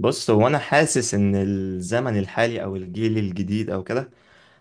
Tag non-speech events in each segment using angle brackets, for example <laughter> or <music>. بص هو انا حاسس ان الزمن الحالي او الجيل الجديد او كده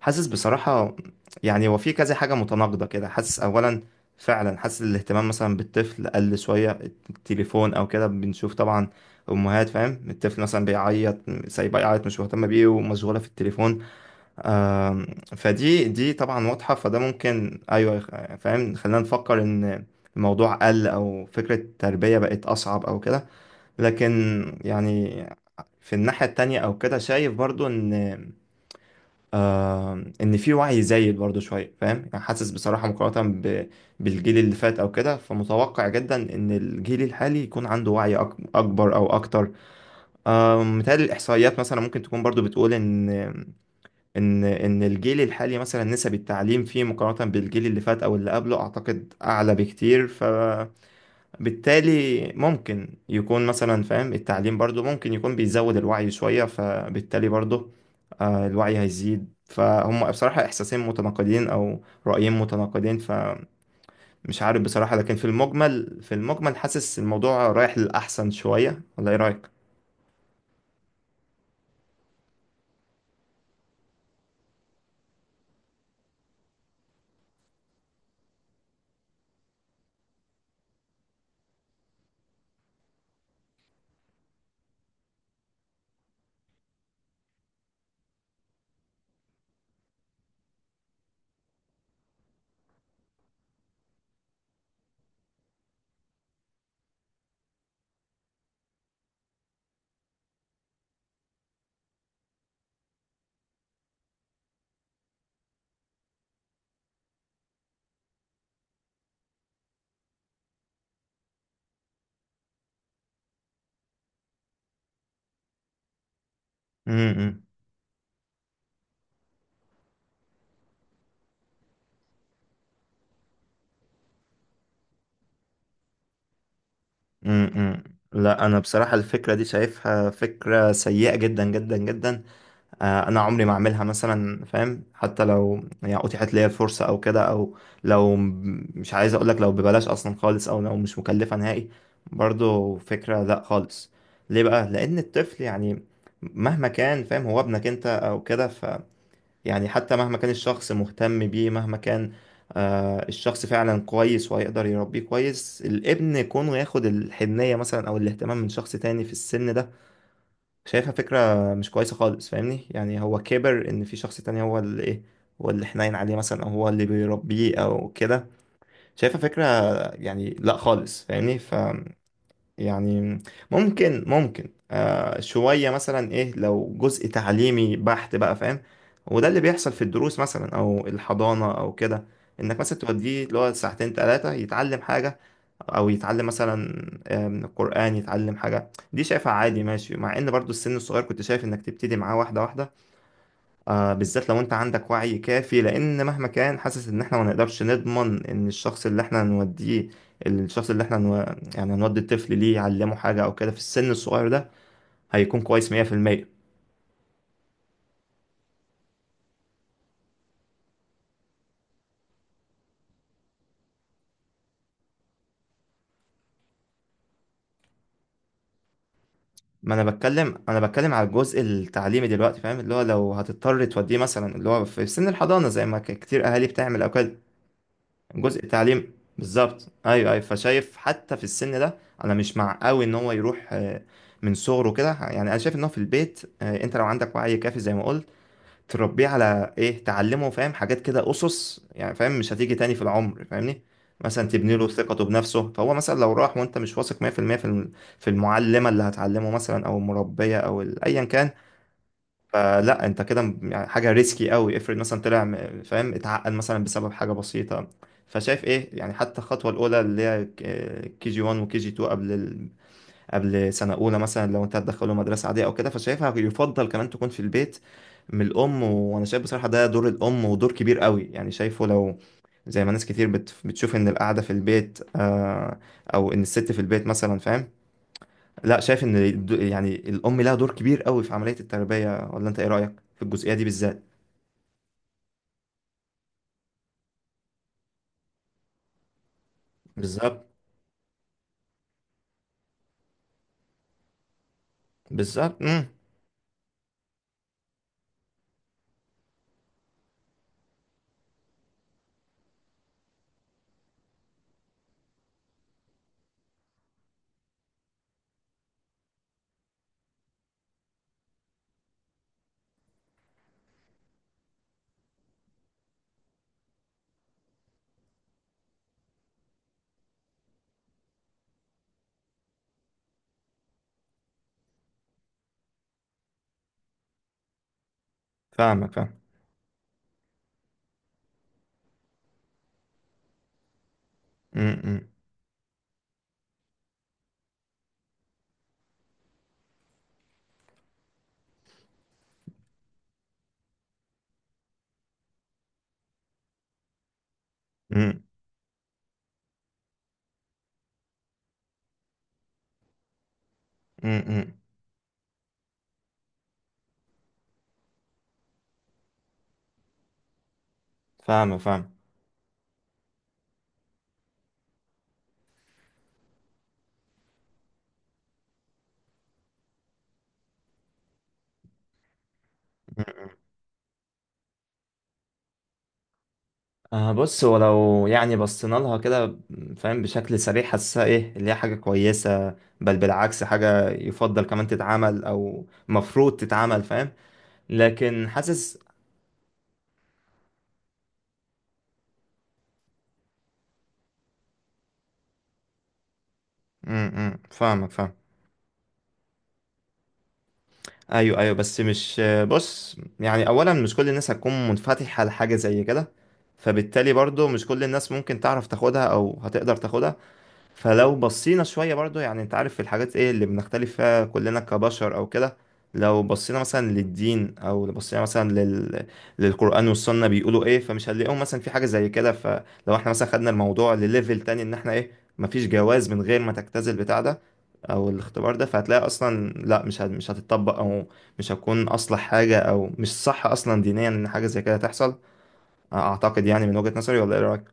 حاسس بصراحة. يعني هو في كذا حاجة متناقضة كده حاسس اولا فعلا حاسس الاهتمام مثلا بالطفل قل شوية. التليفون او كده بنشوف طبعا امهات فاهم الطفل مثلا بيعيط سايبه يعيط مش مهتمة بيه ومشغولة في التليفون. آم، فدي طبعا واضحة، فده ممكن ايوه فاهم خلينا نفكر ان الموضوع قل او فكرة التربية بقت اصعب او كده. لكن يعني في الناحية التانية أو كده شايف برضو إن، في وعي زايد برضو شوية فاهم، يعني حاسس بصراحة بالجيل اللي فات أو كده، فمتوقع جدا إن الجيل الحالي يكون عنده وعي أكبر أو أكتر. متهيألي الإحصائيات مثلا ممكن تكون برضو بتقول إن الجيل الحالي مثلا نسب التعليم فيه مقارنة بالجيل اللي فات أو اللي قبله أعتقد أعلى بكتير، بالتالي ممكن يكون مثلا فاهم التعليم برضو ممكن يكون بيزود الوعي شوية، فبالتالي برضو الوعي هيزيد. فهم بصراحة إحساسين متناقضين أو رأيين متناقضين، فمش عارف بصراحة، لكن في المجمل حاسس الموضوع رايح للأحسن شوية، ولا إيه رأيك؟ امم. امم. لا انا بصراحه الفكره دي شايفها فكره سيئه جدا جدا جدا. انا عمري ما اعملها مثلا فاهم، حتى لو يعني اتيحت ليا الفرصه او كده، او لو مش عايز اقولك لو ببلاش اصلا خالص، او لو مش مكلفه نهائي، برضو فكره لا خالص. ليه بقى؟ لان الطفل يعني مهما كان فاهم هو ابنك انت او كده، يعني حتى مهما كان الشخص مهتم بيه، مهما كان الشخص فعلا كويس وهيقدر يربيه كويس، الابن كونه ياخد الحنيه مثلا او الاهتمام من شخص تاني في السن ده شايفها فكرة مش كويسة خالص، فاهمني؟ يعني هو كبر ان في شخص تاني هو اللي ايه، هو اللي حنين عليه مثلا او هو اللي بيربيه او كده، شايفها فكرة، يعني لا خالص فاهمني. يعني ممكن شوية مثلا ايه لو جزء تعليمي بحت بقى فاهم، وده اللي بيحصل في الدروس مثلا او الحضانة او كده، انك مثلا توديه اللي هو ساعتين تلاتة يتعلم حاجة، او يتعلم مثلا قرآن، يتعلم حاجة. دي شايفها عادي ماشي، مع ان برضو السن الصغير كنت شايف انك تبتدي معاه واحدة واحدة، بالذات لو انت عندك وعي كافي، لان مهما كان حاسس ان احنا ما نقدرش نضمن ان الشخص اللي احنا هنوديه الشخص اللي احنا نو... يعني هنودي الطفل ليه يعلمه حاجة او كده في السن الصغير ده، هيكون كويس 100%. ما انا بتكلم على الجزء التعليمي دلوقتي فاهم، اللي هو لو هتضطر توديه مثلا اللي هو في سن الحضانة زي ما كتير اهالي بتعمل او كده. جزء تعليم، بالظبط، ايوه، ايوه، فشايف حتى في السن ده انا مش مع قوي ان هو يروح من صغره كده، يعني انا شايف ان هو في البيت، انت لو عندك وعي كافي زي ما قلت تربيه على ايه، تعلمه فاهم حاجات كده، اسس يعني فاهم مش هتيجي تاني في العمر، فاهمني؟ مثلا تبني له ثقته بنفسه، فهو مثلا لو راح وانت مش واثق 100% في المية في المعلمه اللي هتعلمه مثلا او المربيه او ايا كان، فلا انت كده يعني حاجه ريسكي قوي. افرض مثلا طلع فاهم اتعقد مثلا بسبب حاجه بسيطه. فشايف ايه، يعني حتى الخطوه الاولى اللي هي كي جي 1 وكي جي 2 قبل سنه اولى مثلا، لو انت هتدخله مدرسه عاديه او كده، فشايفها يفضل كمان تكون في البيت من الام. وانا شايف بصراحه ده دور الام ودور كبير قوي، يعني شايفه لو زي ما ناس كتير بتشوف ان القعده في البيت او ان الست في البيت مثلا فاهم، لا، شايف ان يعني الام لها دور كبير قوي في عمليه التربيه، ولا انت ايه رايك في الجزئيه دي بالذات؟ بالظبط. بالظبط. امم. فاهمك، فاهم. امم. امم. امم. فاهمك، فاهم. بص، ولو يعني بصينا لها كده فاهم بشكل سريع حاسسها ايه، اللي هي حاجة كويسة، بل بالعكس حاجة يفضل كمان تتعمل او مفروض تتعمل فاهم، لكن حاسس. م-. فاهمك، فاهم. ايوه، ايوه، بس مش. بص، يعني اولا مش كل الناس هتكون منفتحه لحاجه زي كده، فبالتالي برضو مش كل الناس ممكن تعرف تاخدها او هتقدر تاخدها. فلو بصينا شوية برضو، يعني انت عارف الحاجات ايه اللي بنختلف فيها كلنا كبشر او كده، لو بصينا مثلا للدين او لو بصينا مثلا للقرآن والسنة بيقولوا ايه، فمش هنلاقيهم مثلا في حاجة زي كده. فلو احنا مثلا خدنا الموضوع لليفل تاني ان احنا ايه، مفيش جواز من غير ما تجتاز البتاع ده او الاختبار ده، فهتلاقي اصلا لا، مش هتطبق، او مش هتكون اصلح حاجة، او مش صح اصلا دينيا ان حاجة زي كده تحصل، اعتقد يعني من وجهة نظري، ولا ايه رأيك؟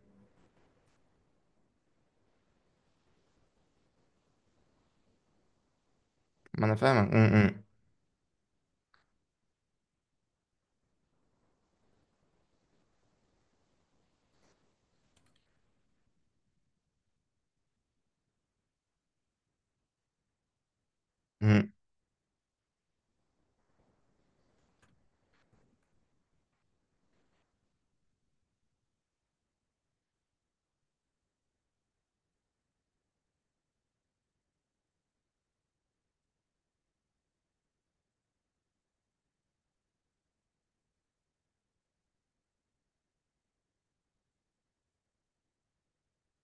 ما انا فاهمك. م-. م-. م-.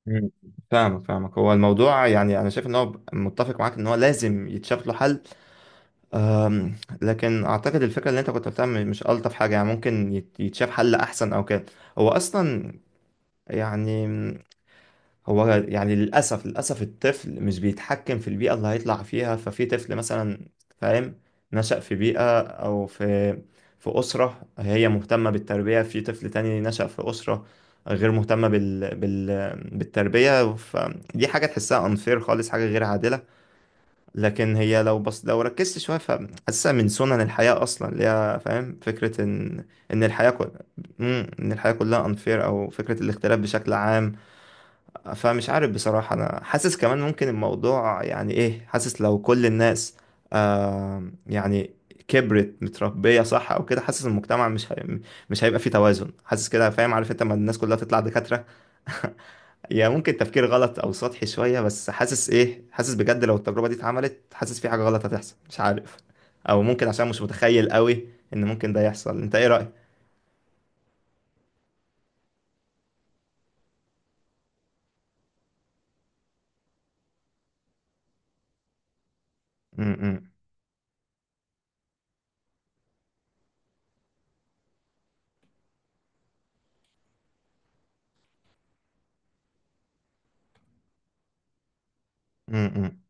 مم. فاهمك، فاهمك، هو الموضوع يعني انا شايف ان هو متفق معاك ان هو لازم يتشاف له حل. أم، لكن اعتقد الفكره اللي انت كنت بتعمل مش الطف حاجه، يعني ممكن يتشاف حل احسن او كده. هو اصلا يعني، هو يعني للأسف للأسف الطفل مش بيتحكم في البيئة اللي هيطلع فيها، ففي طفل مثلا فاهم نشأ في بيئة أو في أسرة هي مهتمة بالتربية، في طفل تاني نشأ في أسرة غير مهتمة بالتربية، فدي حاجة تحسها unfair خالص، حاجة غير عادلة. لكن هي بس لو ركزت شوية فحاسسها من سنن الحياة أصلا اللي هي فاهم فكرة إن الحياة إن الحياة كلها unfair، أو فكرة الاختلاف بشكل عام. فمش عارف بصراحة، أنا حاسس كمان ممكن الموضوع يعني إيه، حاسس لو كل الناس يعني كبرت متربية صح أو كده، حاسس المجتمع مش هيبقى فيه توازن، حاسس كده فاهم، عارف أنت لما الناس كلها تطلع دكاترة <laughs> هي ممكن تفكير غلط أو سطحي شوية، بس حاسس إيه، حاسس بجد لو التجربة دي اتعملت حاسس في حاجة غلط هتحصل، مش عارف، أو ممكن عشان مش متخيل قوي إن ممكن ده يحصل. أنت إيه رأيك؟ م-. م-. م-. م.